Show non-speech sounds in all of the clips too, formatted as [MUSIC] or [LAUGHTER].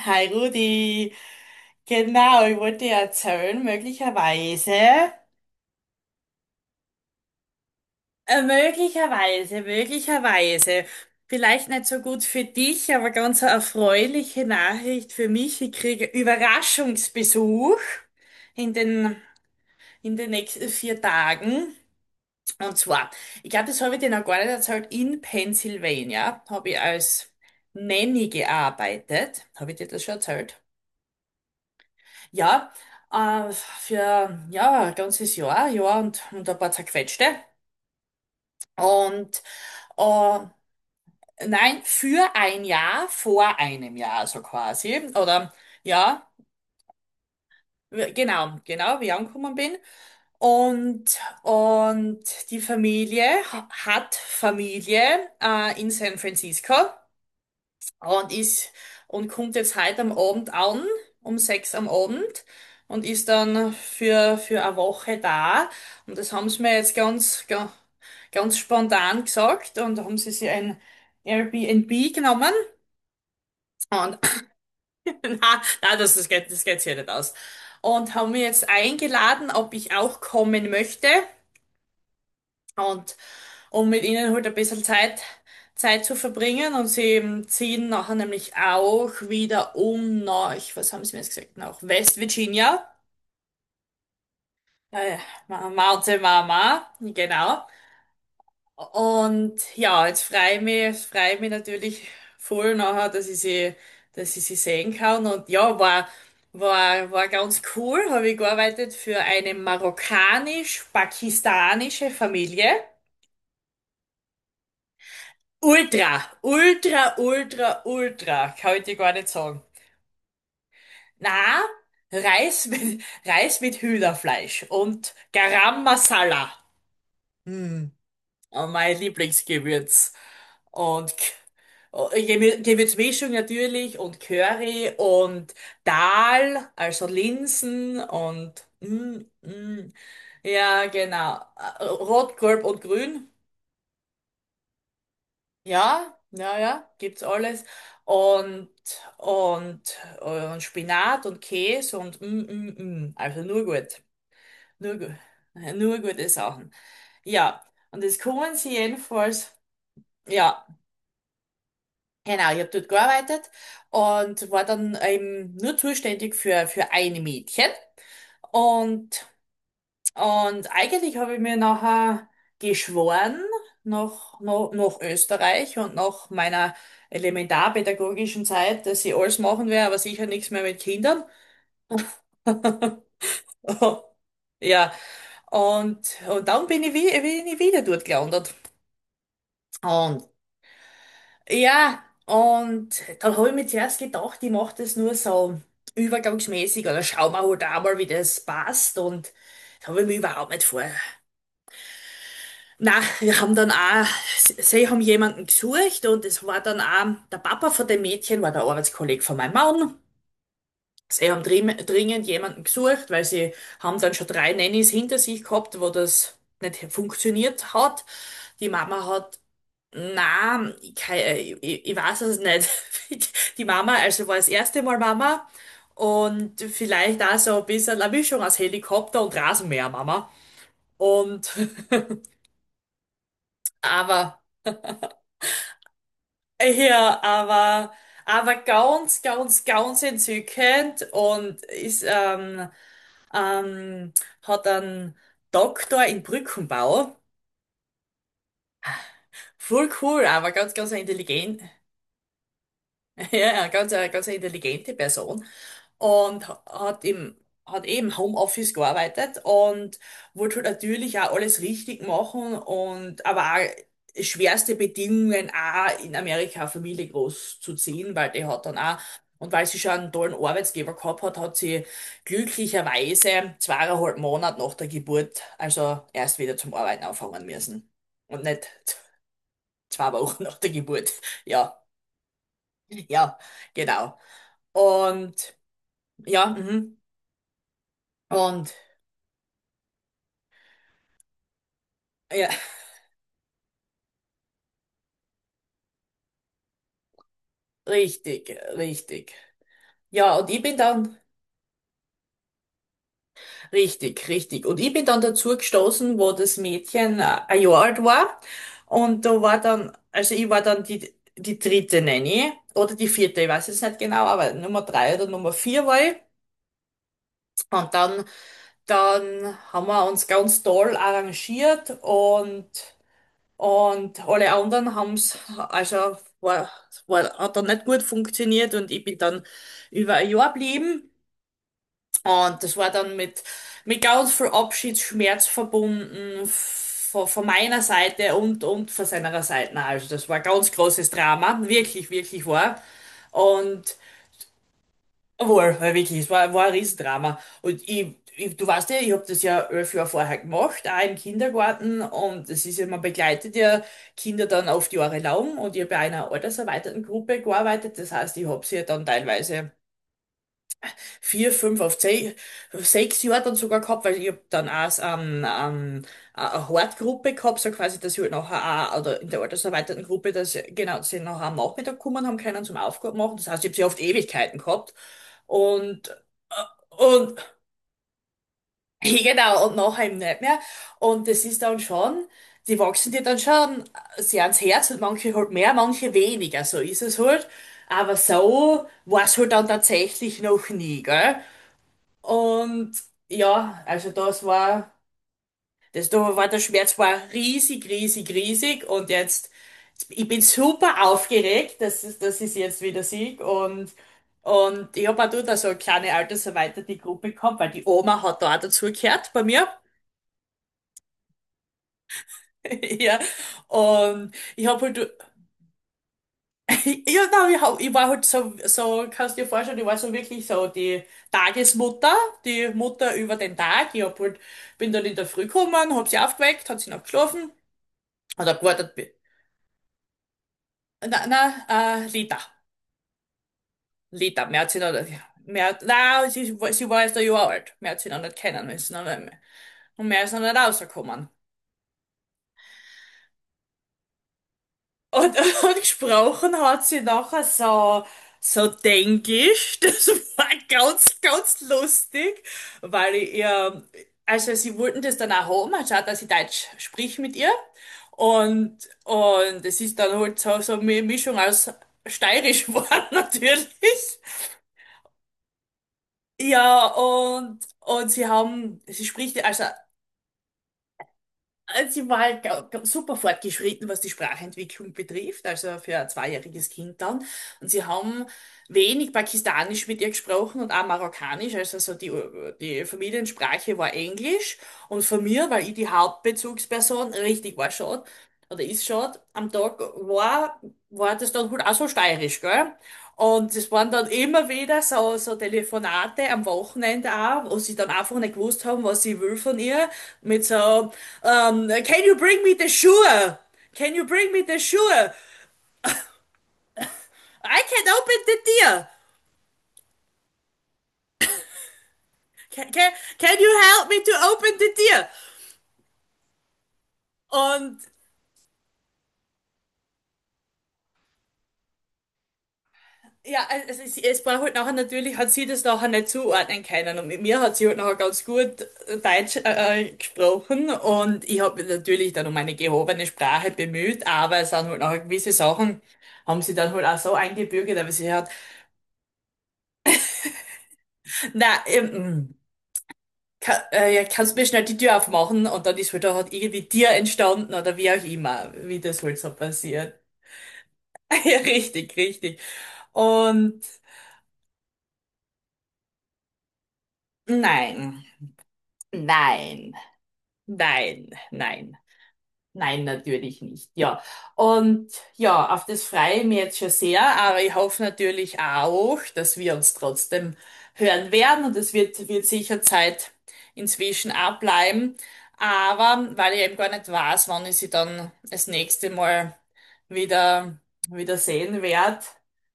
Hi Rudi, genau, ich wollte dir erzählen, möglicherweise, vielleicht nicht so gut für dich, aber ganz eine erfreuliche Nachricht für mich. Ich kriege Überraschungsbesuch in den, in den nächsten 4 Tagen. Und zwar, ich glaube, das habe ich dir noch gar nicht erzählt, in Pennsylvania habe ich als Nanny gearbeitet. Habe ich dir das schon erzählt? Ja, für ja, ein ganzes Jahr und ein paar zerquetschte. Und äh, nein, für ein Jahr, vor einem Jahr so quasi. Oder ja, genau, genau, wie ich angekommen bin. Und, und die Familie hat Familie in San Francisco. und ist und kommt jetzt heute am Abend an, um 6 am Abend und ist dann für eine Woche da. Und das haben sie mir jetzt ganz spontan gesagt, und da haben sie sich ein Airbnb genommen und [LAUGHS] na, na, das geht sich ja nicht aus. Und haben mich jetzt eingeladen, ob ich auch kommen möchte. Und um mit ihnen halt ein bisschen Zeit zu verbringen. Und sie ziehen nachher nämlich auch wieder um nach, was haben sie mir jetzt gesagt, nach West Virginia. Äh, Mountain Mama, genau. Und ja, jetzt freue ich mich natürlich voll nachher, dass ich sie sehen kann. Und ja, war ganz cool. Habe ich gearbeitet für eine marokkanisch-pakistanische Familie. Ultra, ultra, ultra, ultra, kann ich dir gar nicht sagen. Na, Reis mit Hühnerfleisch und Garam Masala. Hm, oh, mein Lieblingsgewürz. Und Gewürzmischung natürlich und Curry und Dal, also Linsen. Ja, genau. Rot, Gelb und Grün. Ja, ja, ja, gibt's alles. Und, und Spinat und Käse Also nur gut. Nur gut. [LAUGHS] Nur gute Sachen. Ja. Und das kommen sie jedenfalls. Ja, genau. Ich habe dort gearbeitet und war dann eben nur zuständig für ein Mädchen. Und Und eigentlich habe ich mir nachher geschworen, nach Österreich und nach meiner elementarpädagogischen Zeit, dass ich alles machen werde, aber sicher nichts mehr mit Kindern. [LAUGHS] Ja, und dann bin ich, wie, bin ich wieder dort gelandet. Und ja, und dann habe ich mir zuerst gedacht, ich mache das nur so übergangsmäßig oder schau mal halt auch mal, wie das passt. Und das habe ich mir überhaupt nicht vor. Na, wir haben dann auch, sie haben jemanden gesucht, und es war dann auch, der Papa von dem Mädchen war der Arbeitskollege von meinem Mann. Sie haben dringend jemanden gesucht, weil sie haben dann schon drei Nannies hinter sich gehabt, wo das nicht funktioniert hat. Die Mama hat, na, ich weiß es nicht. [LAUGHS] Die Mama, also war das erste Mal Mama und vielleicht auch so ein bisschen eine Mischung aus Helikopter und Rasenmäher Mama. Und, [LAUGHS] aber, ja, aber ganz, ganz, ganz entzückend, und ähm, hat einen Doktor in Brückenbau. Voll cool, aber ganz, ganz intelligent, ja, ja, ganz, ganz eine intelligente Person und hat im, hat eben Homeoffice gearbeitet und wollte halt natürlich auch alles richtig machen, und aber auch schwerste Bedingungen auch in Amerika eine Familie großzuziehen, weil die hat dann auch, und weil sie schon einen tollen Arbeitsgeber gehabt hat, hat sie glücklicherweise 2,5 Monate nach der Geburt, also erst wieder zum Arbeiten anfangen müssen und nicht [LAUGHS] 2 Wochen nach der Geburt. Ja, ja, genau. Und ja, mhm. Und ja, [LAUGHS] richtig, richtig. Ja, und ich bin dann, richtig, richtig. Und ich bin dann dazu gestoßen, wo das Mädchen 1 Jahr alt war. Und da war dann, also ich war dann die dritte Nanny oder die vierte, ich weiß jetzt nicht genau, aber Nummer drei oder Nummer vier war ich. Und dann haben wir uns ganz toll arrangiert. Und alle anderen haben es, also war, hat dann nicht gut funktioniert, und ich bin dann über ein Jahr geblieben. Und das war dann mit ganz viel Abschiedsschmerz verbunden, von meiner Seite und von seiner Seite. Also das war ein ganz großes Drama, wirklich, wirklich war. Und wohl, wirklich, es war ein Riesendrama. Und du weißt ja, ich habe das ja 11 Jahre vorher gemacht, auch im Kindergarten. Und es ist ja, man begleitet ja Kinder dann oft jahrelang. Und ich habe bei einer alterserweiterten Gruppe gearbeitet. Das heißt, ich habe sie ja dann teilweise vier, fünf auf zehn, sechs Jahre dann sogar gehabt, weil ich habe dann auch eine Hortgruppe gehabt, so quasi, dass ich halt nachher auch, oder in der alterserweiterten Gruppe, dass genau, sie nachher am Nachmittag kommen haben können zum Aufgaben machen. Das heißt, ich habe sie oft Ewigkeiten gehabt. Und und [LAUGHS] genau, und nachher eben nicht mehr. Und das ist dann schon, die wachsen dir dann schon sehr ans Herz, und manche halt mehr, manche weniger, so ist es halt. Aber so war es halt dann tatsächlich noch nie, gell? Und ja, also das war, das da war der Schmerz war riesig, riesig, riesig. Und jetzt, ich bin super aufgeregt, dass ich jetzt wieder sieg, und ich habe auch da so eine kleine alterserweiterte Gruppe gehabt, weil die Oma hat da auch dazugehört bei mir. [LAUGHS] Ja, und ich habe halt, [LAUGHS] ja, nein, ich war halt kannst dir vorstellen, ich war so wirklich so die Tagesmutter, die Mutter über den Tag. Ich hab halt, bin dann in der Früh gekommen, hab sie aufgeweckt, hat sie noch geschlafen, hat auch gewartet, na, na, Lita, Lita, mehr hat sie noch, mehr, na, sie, sie war erst 1 Jahr alt, mehr hat sie noch nicht kennen müssen, und mehr ist noch nicht rausgekommen. Und, [LAUGHS] und gesprochen hat sie nachher so, so Denglisch. [LAUGHS] Das war ganz, ganz lustig, weil ich ihr, also sie wollten das dann auch haben, anstatt dass ich Deutsch sprich mit ihr. Und, und es ist dann halt so eine Mischung aus Steirisch geworden, [LAUGHS] natürlich. Ja, und sie haben, sie spricht, also sie war halt super fortgeschritten, was die Sprachentwicklung betrifft, also für ein zweijähriges Kind dann. Und sie haben wenig Pakistanisch mit ihr gesprochen und auch Marokkanisch, also so die Familiensprache war Englisch. Und von mir, weil ich die Hauptbezugsperson richtig war schon, oder ist schon, am Tag war, war das dann halt auch so steirisch, gell? Und es waren dann immer wieder so Telefonate am Wochenende auch, wo sie dann einfach nicht gewusst haben, was sie will von ihr, mit so, Can you bring me the shoe? Can you bring me the shoe? I can open the deer. Can, can, Can you help me to open the deer? Und ja, es war halt nachher natürlich, hat sie das nachher nicht zuordnen können. Und mit mir hat sie halt nachher ganz gut Deutsch gesprochen, und ich habe mich natürlich dann um eine gehobene Sprache bemüht, aber es sind halt nachher gewisse Sachen, haben sie dann halt auch so eingebürgert, aber sie hat, na, ja, kannst mir schnell die Tür aufmachen, und dann ist halt da halt irgendwie Tier entstanden oder wie auch immer, wie das halt so passiert. [LAUGHS] Ja, richtig, richtig. Und nein, nein, nein, nein. Nein, natürlich nicht, ja. Und ja, auf das freue ich mich jetzt schon sehr, aber ich hoffe natürlich auch, dass wir uns trotzdem hören werden, und es wird sicher Zeit inzwischen auch bleiben. Aber weil ich eben gar nicht weiß, wann ich sie dann das nächste Mal wieder, wieder sehen werde,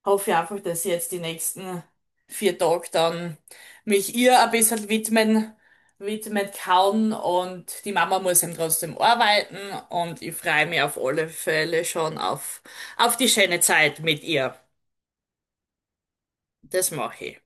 hoffe ich einfach, dass ich jetzt die nächsten 4 Tage dann mich ihr ein bisschen widmen kann, und die Mama muss eben trotzdem arbeiten, und ich freue mich auf alle Fälle schon auf die schöne Zeit mit ihr. Das mache ich.